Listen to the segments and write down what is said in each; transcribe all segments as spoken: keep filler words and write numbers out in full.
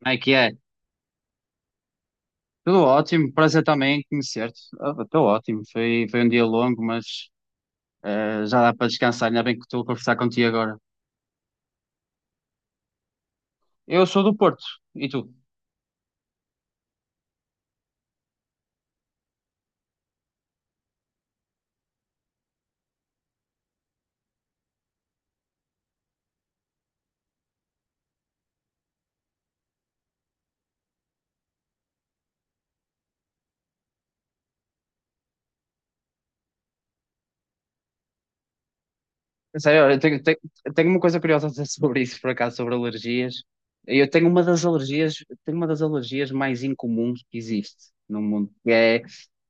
Como é que é? Tudo ótimo, prazer também em conhecer-te. Estou ótimo, foi, foi um dia longo, mas eh, já dá para descansar, ainda bem que estou a conversar contigo agora. Eu sou do Porto, e tu? Sério, eu tenho, tenho, tenho uma coisa curiosa a dizer sobre isso, por acaso, sobre alergias. Eu tenho uma das alergias, tenho uma das alergias mais incomuns que existe no mundo, que é,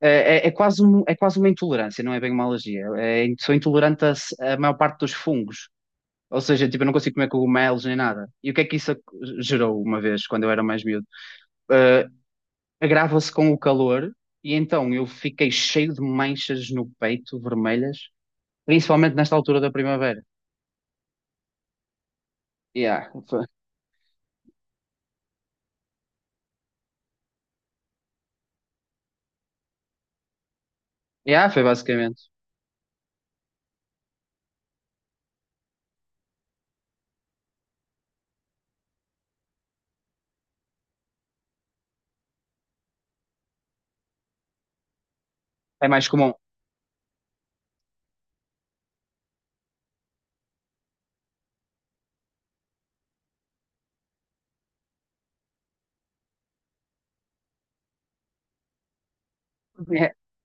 é, é é quase um, é quase uma intolerância, não é bem uma alergia. É, sou intolerante a, s- a maior parte dos fungos. Ou seja, tipo, eu não consigo comer cogumelos nem nada. E o que é que isso gerou uma vez, quando eu era mais miúdo? Eh, Agrava-se com o calor e então eu fiquei cheio de manchas no peito, vermelhas, principalmente nesta altura da primavera. Yeah, foi, yeah, foi basicamente. É mais comum.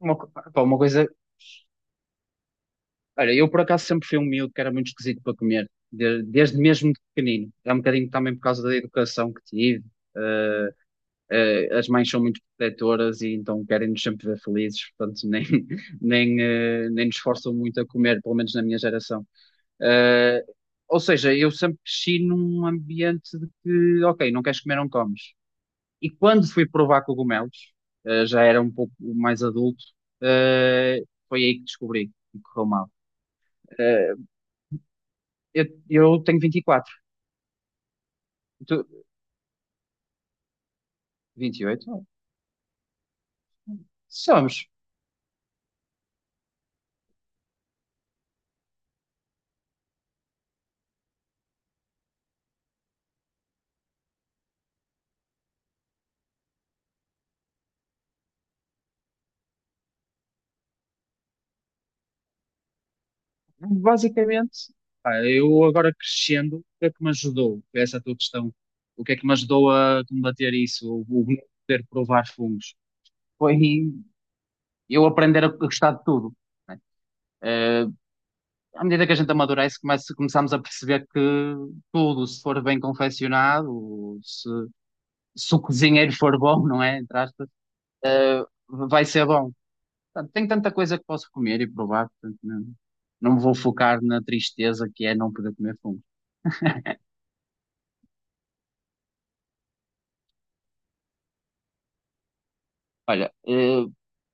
É uma, co- pá, uma coisa. Olha, eu por acaso sempre fui um miúdo que era muito esquisito para comer, de- desde mesmo de pequenino. É um bocadinho também por causa da educação que tive. ah, eh, As mães são muito protetoras e então querem-nos sempre ver felizes, portanto nem, nem, eh, nem nos forçam muito a comer, pelo menos na minha geração. Eh, ou seja, eu sempre cresci num ambiente de que, ok, não queres comer, não comes. E quando fui provar cogumelos, eh, já era um pouco mais adulto, eh, foi aí que descobri que correu mal. Eh, eu, eu tenho vinte e quatro, tu, vinte e oito. Somos. Basicamente, pá, eu agora crescendo, o que é que me ajudou? Essa é a tua questão. O que é que me ajudou a combater isso? O, o poder provar fungos? Foi eu aprender a gostar de tudo. Né? Eh, À medida que a gente amadurece, começa, começamos a perceber que tudo, se for bem confeccionado, se, se o cozinheiro for bom, não é? Entre aspas, vai ser bom. Portanto, tem tanta coisa que posso comer e provar, portanto, não, não me vou focar na tristeza que é não poder comer fungos. Olha, eh,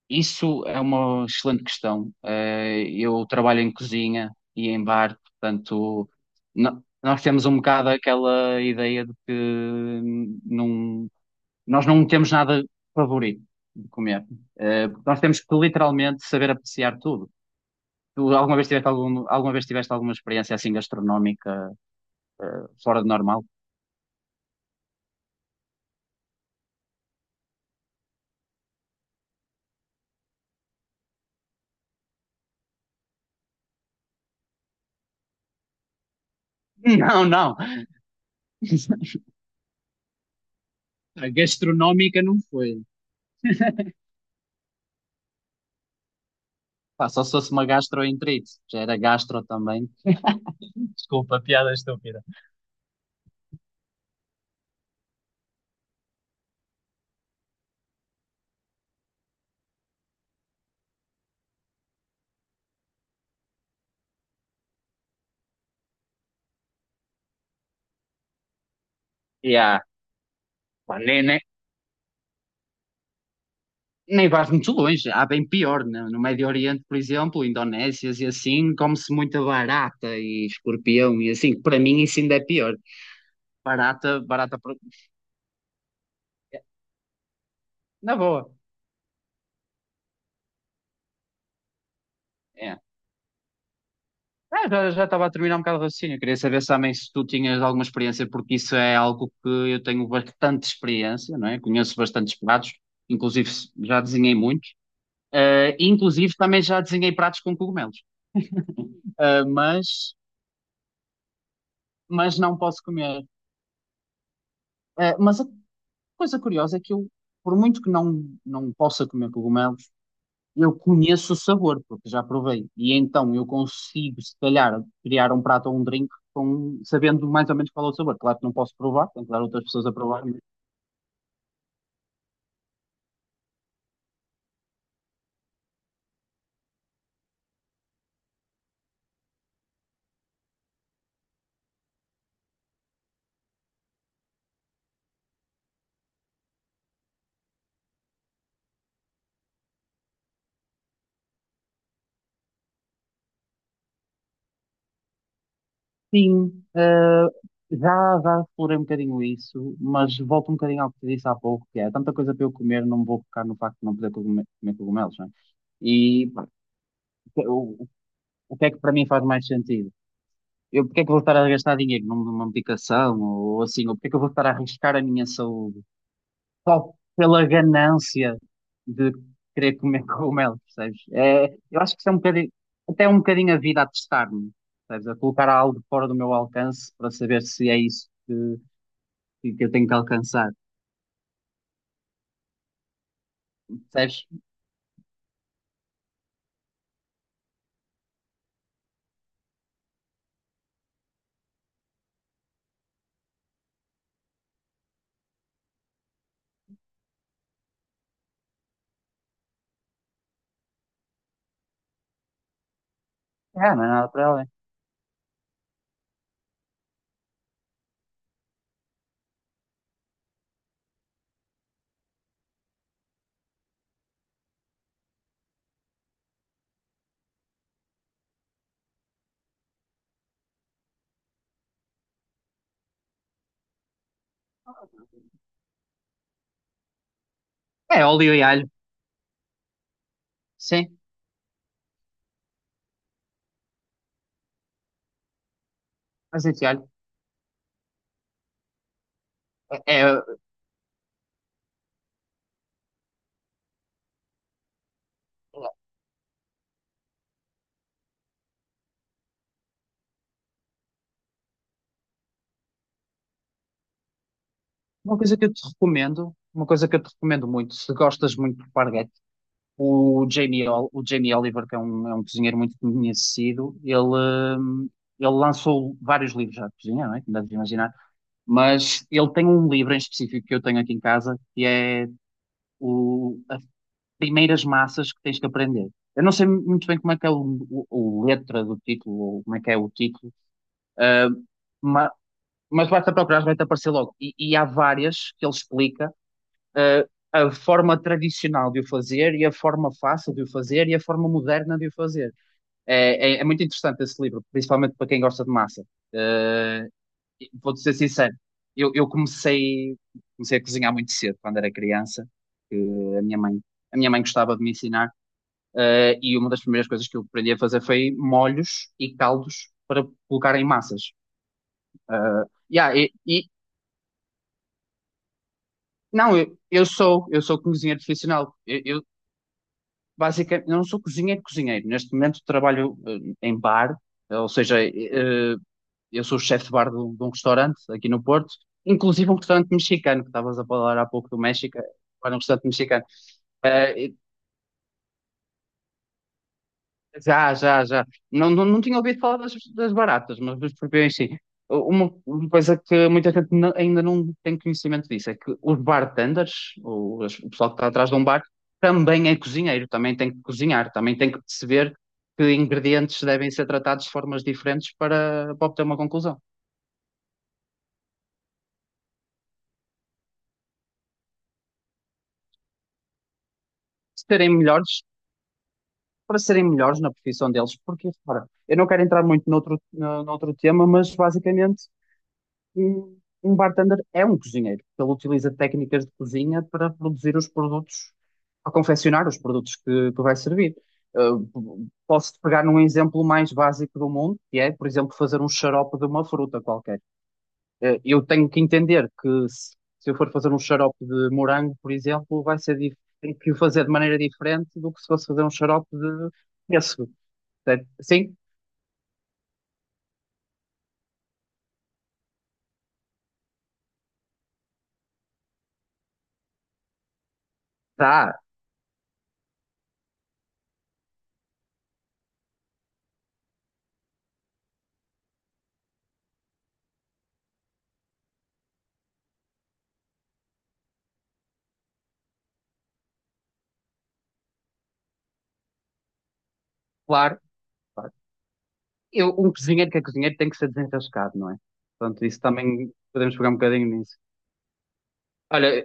isso é uma excelente questão. Eh, Eu trabalho em cozinha e em bar, portanto, no- nós temos um bocado aquela ideia de que não, nós não temos nada favorito de comer. Eh, Porque nós temos que literalmente saber apreciar tudo. Tu alguma vez tiveste algum, alguma vez tiveste alguma experiência assim gastronómica, eh, fora de normal? Não, não. A gastronómica não foi. Pá, só se fosse uma gastroenterite, já era gastro também. Desculpa, piada estúpida. Yeah. Pá, nem, nem, nem vais muito longe, há bem pior. No, no Médio Oriente, por exemplo, Indonésias e assim, come-se muita barata e escorpião e assim, que para mim isso ainda é pior. Barata, barata, pro- na boa. É. Ah, já, já estava a terminar um bocado o raciocínio. Queria saber também se tu tinhas alguma experiência, porque isso é algo que eu tenho bastante experiência, não é? Conheço bastantes pratos, inclusive já desenhei muitos. Eh, inclusive também já desenhei pratos com cogumelos. Eh, mas, mas não posso comer. Eh, mas a coisa curiosa é que eu, por muito que não, não possa comer cogumelos, eu conheço o sabor, porque já provei. E então eu consigo, se calhar, criar um prato ou um drink com, sabendo mais ou menos qual é o sabor. Claro que não posso provar, tenho que dar outras pessoas a provar. Mas sim, eh, já, já explorei um bocadinho isso, mas volto um bocadinho ao que te disse há pouco, que é há tanta coisa para eu comer, não me vou focar no facto de não poder comer, comer cogumelos, não é? E pá, o, o que é que para mim faz mais sentido? Eu, porque é que vou estar a gastar dinheiro num- numa medicação ou assim? Ou porque é que eu vou estar a arriscar a minha saúde? Só pela ganância de querer comer cogumelo, percebes? É, eu acho que isso é um bocadinho, até é um bocadinho a vida a testar-me, percebes? A colocar algo fora do meu alcance para saber se é isso que, que eu tenho que alcançar, percebes? É, não é nada para além. É óleo e alho, sim, azeite e alho. É, é é uma coisa que eu te recomendo, uma coisa que eu te recomendo muito, se gostas muito de parguetes. O Jamie, Ol- o Jamie Oliver, que é um, é um, cozinheiro muito conhecido, ele, hum, ele lançou vários livros já de cozinha, não é? Como deves imaginar. Mas ele tem um livro em específico que eu tenho aqui em casa, que é o, as primeiras massas que tens que aprender. Eu não sei muito bem como é que é o, o, o letra do título, ou como é que é o título, mas, mas, basta procurar, vai-te aparecer logo. E, e há várias que ele explica, eh, a forma tradicional de o fazer e a forma fácil de o fazer e a forma moderna de o fazer. É, é, é muito interessante esse livro, principalmente para quem gosta de massa. Eh, Vou-te ser sincero, eu, eu comecei, comecei a cozinhar muito cedo, quando era criança, que a minha mãe, a minha mãe gostava de me ensinar, eh, e uma das primeiras coisas que eu aprendi a fazer foi molhos e caldos para colocar em massas. Eh, yeah, e, e- não, eu, eu sou, eu sou cozinheiro profissional. Eu, eu, basicamente, eu não sou cozinheiro, cozinheiro. Neste momento trabalho eh, em bar, ou seja, eh, eu sou o chefe de bar de, um de um restaurante aqui no Porto, inclusive um restaurante mexicano, que estavas a falar há pouco do México, para um restaurante mexicano. Eh, e- Já, já, já. Não, não, não tinha ouvido falar das, das baratas, mas dos escorpiões sim. Uma uma coisa que muita gente não- ainda não tem conhecimento disso é que os bartenders, o, as- o pessoal que está atrás de um bar, também é cozinheiro, também tem que cozinhar, também tem que perceber que ingredientes devem ser tratados de formas diferentes para, para obter uma conclusão. Serem melhores, para serem melhores na profissão deles, porque, repara, eu não quero entrar muito noutro, no- noutro tema, mas basicamente um, um bartender é um cozinheiro, porque ele utiliza técnicas de cozinha para produzir os produtos, para confeccionar os produtos que, que vai servir. Uh, posso pegar num exemplo mais básico do mundo, que é, por exemplo, fazer um xarope de uma fruta qualquer. Uh, eu tenho que entender que se, se eu for fazer um xarope de morango, por exemplo, vai ser dif- tenho que o fazer de maneira diferente do que se fosse fazer um xarope de pêssego. Portanto, sim, tá, claro. Claro. Eu, um cozinheiro que é cozinheiro tem que ser desenrascado, não é? Portanto, isso também podemos pegar um bocadinho nisso. Olha,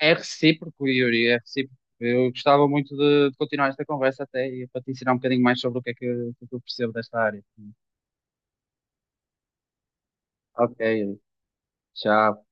é recíproco, Yuri, é recíproco. Eu gostava muito de, de continuar esta conversa até e para te ensinar um bocadinho mais sobre o que é que, o que é que eu percebo desta área. Ok, Yuri. Tchau.